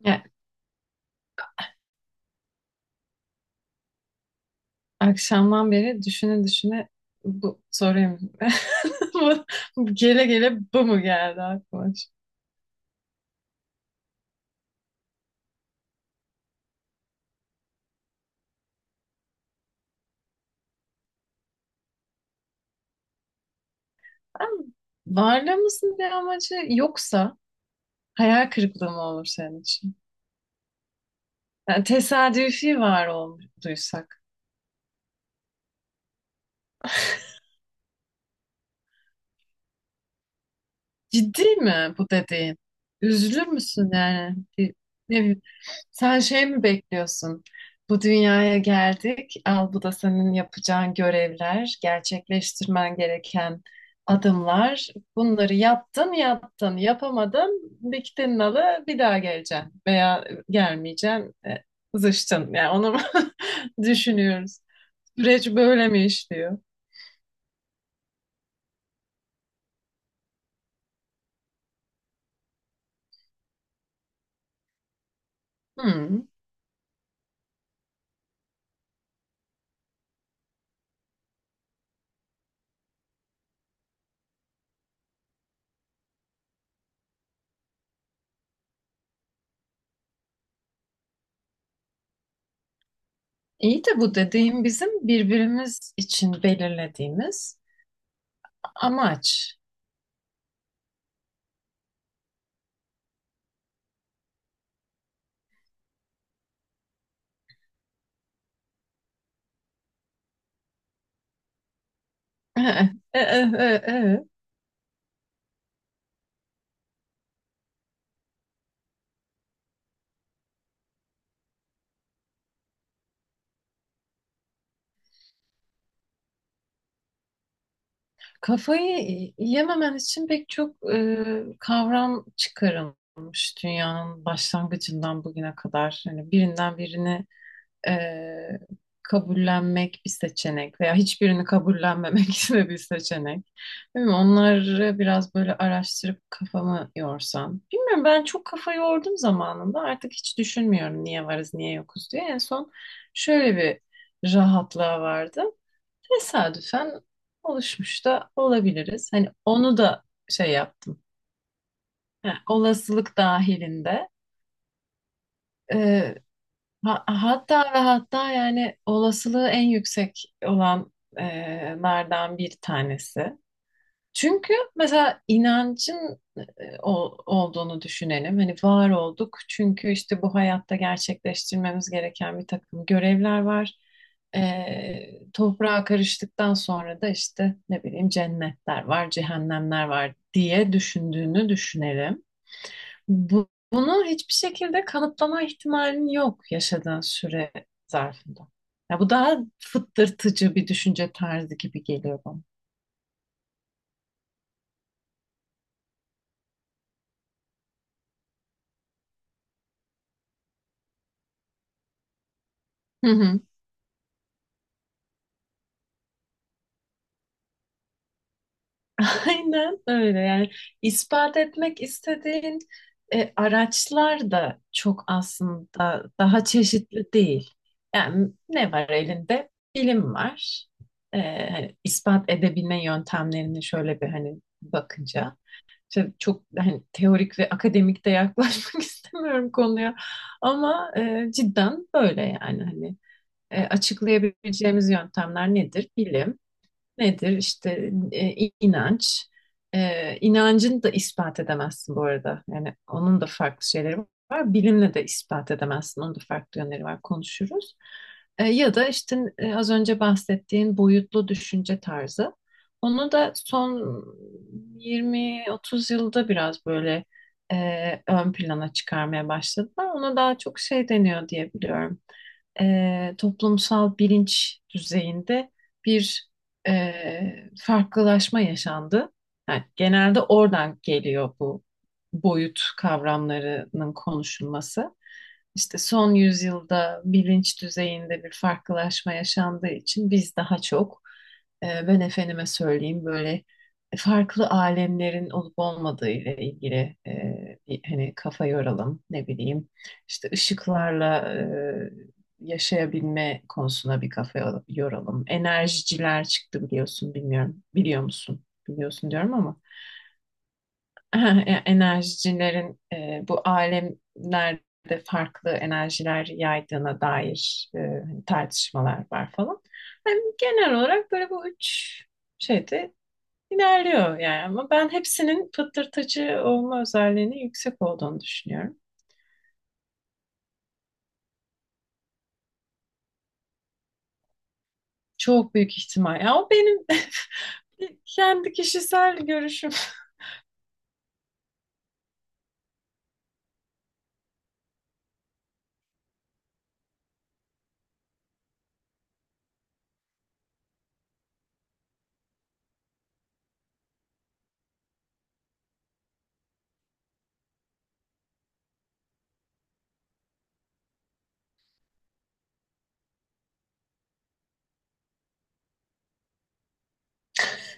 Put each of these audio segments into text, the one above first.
Ya, akşamdan beri düşüne düşüne bu soruyu bu, bu gele gele bu mu geldi aklıma? Ben- Varlığımızın bir amacı yoksa hayal kırıklığı mı olur senin için? Yani tesadüfi var olduysak. Ciddi mi bu dediğin? Üzülür müsün yani? Ne bileyim, sen şey mi bekliyorsun? Bu dünyaya geldik. Al bu da senin yapacağın görevler, gerçekleştirmen gereken adımlar. Bunları yaptın, yaptın, yapamadın, diktin nalı, bir daha geleceksin veya gelmeyeceksin, zıçtın. Yani onu düşünüyoruz. Süreç böyle mi işliyor? Hmm. İyi de bu dediğim bizim birbirimiz için belirlediğimiz amaç. E, e, e, e. Kafayı yememen için pek çok kavram çıkarılmış dünyanın başlangıcından bugüne kadar. Hani birinden birini e, kabullenmek bir seçenek veya hiçbirini kabullenmemek de bir seçenek. Değil mi? Onları biraz böyle araştırıp kafamı yorsam. Bilmiyorum, ben çok kafa yordum zamanında, artık hiç düşünmüyorum niye varız niye yokuz diye. En son şöyle bir rahatlığa vardım. Tesadüfen oluşmuş da olabiliriz. Hani onu da şey yaptım. Ha, olasılık dahilinde. Ee, hatta ve hatta yani olasılığı en yüksek olanlardan bir tanesi. Çünkü mesela inancın olduğunu düşünelim. Hani var olduk çünkü işte bu hayatta gerçekleştirmemiz gereken bir takım görevler var. Toprağa karıştıktan sonra da işte ne bileyim cennetler var, cehennemler var diye düşündüğünü düşünelim. Bunu hiçbir şekilde kanıtlama ihtimalin yok yaşadığın süre zarfında. Ya bu daha fıttırtıcı bir düşünce tarzı gibi geliyor bana. Hı hı. Aynen öyle yani ispat etmek istediğin araçlar da çok aslında daha çeşitli değil. Yani ne var elinde? Bilim var. E, hani ispat edebilme yöntemlerini şöyle bir hani bakınca. Tabii çok hani teorik ve akademik de yaklaşmak istemiyorum konuya ama cidden böyle yani hani açıklayabileceğimiz yöntemler nedir? Bilim. Nedir? İşte inanç. E, inancını da ispat edemezsin bu arada. Yani onun da farklı şeyleri var. Bilimle de ispat edemezsin. Onun da farklı yönleri var. Konuşuruz. E, ya da işte az önce bahsettiğin boyutlu düşünce tarzı. Onu da son 20-30 yılda biraz böyle ön plana çıkarmaya başladılar. Ona daha çok şey deniyor diye biliyorum. E, toplumsal bilinç düzeyinde bir farklılaşma yaşandı. Yani genelde oradan geliyor bu boyut kavramlarının konuşulması. İşte son yüzyılda bilinç düzeyinde bir farklılaşma yaşandığı için biz daha çok ben efendime söyleyeyim böyle farklı alemlerin olup olmadığı ile ilgili bir hani kafa yoralım, ne bileyim işte ışıklarla yaşayabilme konusuna bir kafa yoralım. Enerjiciler çıktı, biliyorsun, bilmiyorum. Biliyor musun? Biliyorsun diyorum ama yani enerjicilerin bu alemlerde farklı enerjiler yaydığına dair hani tartışmalar var falan. Yani genel olarak böyle bu üç şeyde ilerliyor yani, ama ben hepsinin fıtırtıcı olma özelliğinin yüksek olduğunu düşünüyorum. Çok büyük ihtimal. Ya o benim kendi kişisel görüşüm.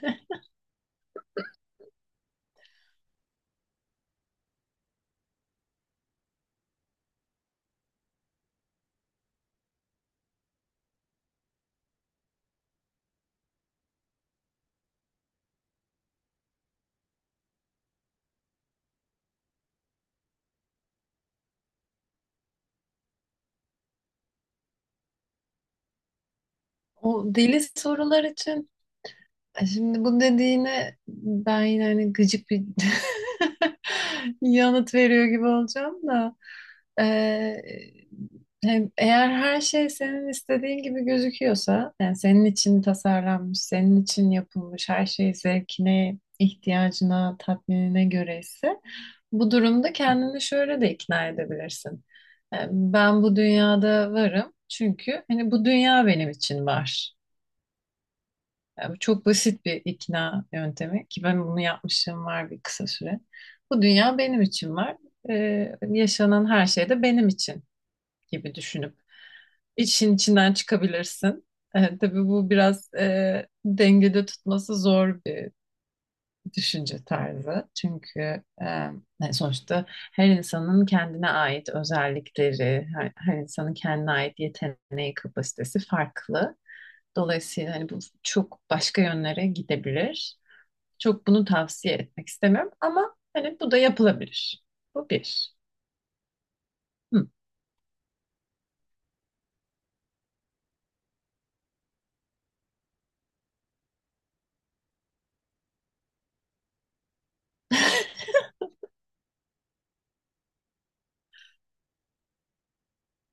O deli sorular için, şimdi bu dediğine ben yine hani gıcık bir yanıt veriyor gibi olacağım da e, eğer her şey senin istediğin gibi gözüküyorsa, yani senin için tasarlanmış, senin için yapılmış, her şey zevkine, ihtiyacına, tatminine göre ise bu durumda kendini şöyle de ikna edebilirsin. Ben bu dünyada varım çünkü hani bu dünya benim için var. Bu çok basit bir ikna yöntemi ki ben bunu yapmışım var bir kısa süre. Bu dünya benim için var. E, yaşanan her şey de benim için gibi düşünüp işin içinden çıkabilirsin. E, tabii bu biraz dengede tutması zor bir düşünce tarzı. Çünkü e, yani sonuçta her insanın kendine ait özellikleri, her insanın kendine ait yeteneği, kapasitesi farklı. Dolayısıyla hani bu çok başka yönlere gidebilir. Çok bunu tavsiye etmek istemiyorum ama hani bu da yapılabilir. Bu bir. Hı.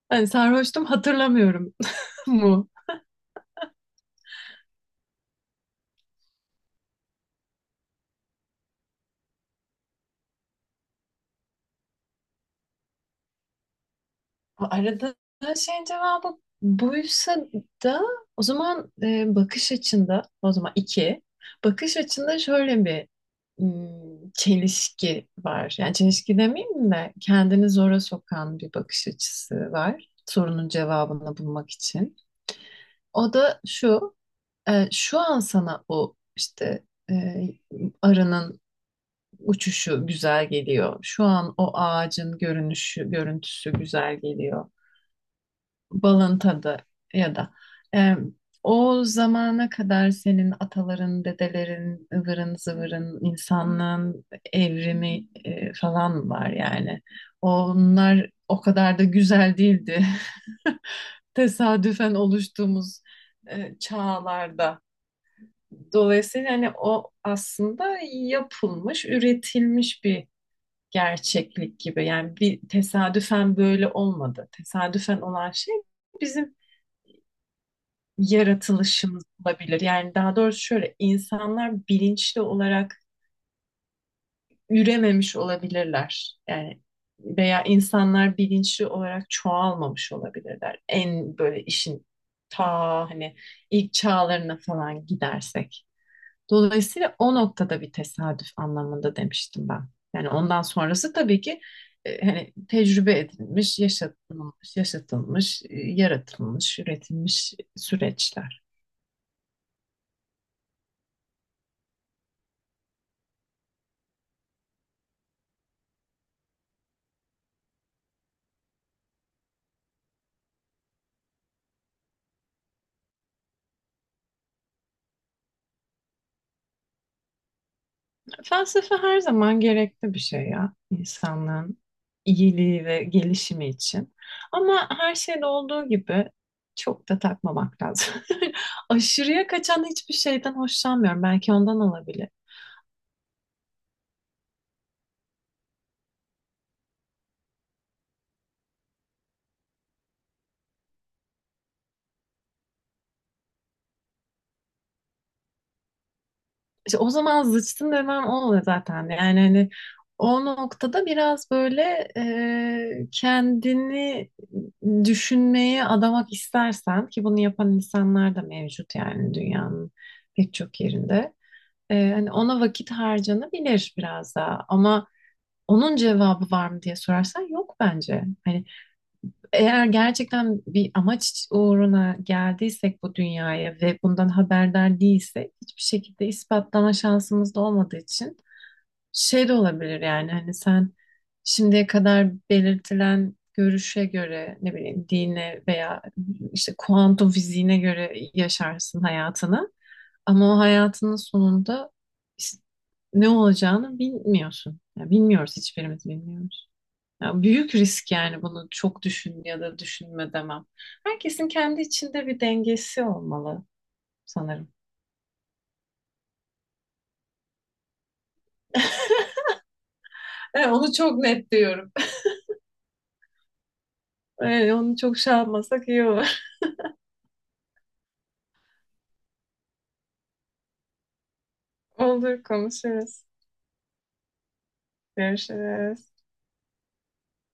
Hani sarhoştum hatırlamıyorum mu? Arada şeyin cevabı buysa da o zaman bakış açında, o zaman iki bakış açında şöyle bir çelişki var. Yani çelişki demeyeyim de kendini zora sokan bir bakış açısı var. Sorunun cevabını bulmak için. O da şu, şu an sana o işte e, arının uçuşu güzel geliyor. Şu an o ağacın görünüşü, görüntüsü güzel geliyor. Balın tadı ya da e, o zamana kadar senin ataların, dedelerin, ıvırın zıvırın, insanlığın evrimi falan var yani. Onlar o kadar da güzel değildi. Tesadüfen oluştuğumuz çağlarda. Dolayısıyla hani o aslında yapılmış, üretilmiş bir gerçeklik gibi. Yani bir tesadüfen böyle olmadı. Tesadüfen olan şey bizim yaratılışımız olabilir. Yani daha doğrusu şöyle, insanlar bilinçli olarak ürememiş olabilirler. Yani veya insanlar bilinçli olarak çoğalmamış olabilirler. En böyle işin ta hani ilk çağlarına falan gidersek. Dolayısıyla o noktada bir tesadüf anlamında demiştim ben. Yani ondan sonrası tabii ki hani tecrübe edilmiş, yaşatılmış, yaratılmış, üretilmiş süreçler. Felsefe her zaman gerekli bir şey ya, insanlığın iyiliği ve gelişimi için. Ama her şeyde olduğu gibi çok da takmamak lazım. Aşırıya kaçan hiçbir şeyden hoşlanmıyorum. Belki ondan olabilir. İşte o zaman zıçtın demem o oluyor zaten. Yani hani o noktada biraz böyle kendini düşünmeye adamak istersen, ki bunu yapan insanlar da mevcut yani dünyanın pek çok yerinde. E, hani ona vakit harcanabilir biraz daha ama onun cevabı var mı diye sorarsan yok bence. Hani eğer gerçekten bir amaç uğruna geldiysek bu dünyaya ve bundan haberdar değilsek hiçbir şekilde ispatlama şansımız da olmadığı için şey de olabilir yani, hani sen şimdiye kadar belirtilen görüşe göre ne bileyim dine veya işte kuantum fiziğine göre yaşarsın hayatını ama o hayatının sonunda is- ne olacağını bilmiyorsun. Yani bilmiyoruz, hiçbirimiz bilmiyoruz. Ya büyük risk yani, bunu çok düşün ya da düşünme demem. Herkesin kendi içinde bir dengesi olmalı sanırım. Evet, onu çok net diyorum. Evet, onu çok şey yapmasak iyi olur. Olur, konuşuruz. Görüşürüz.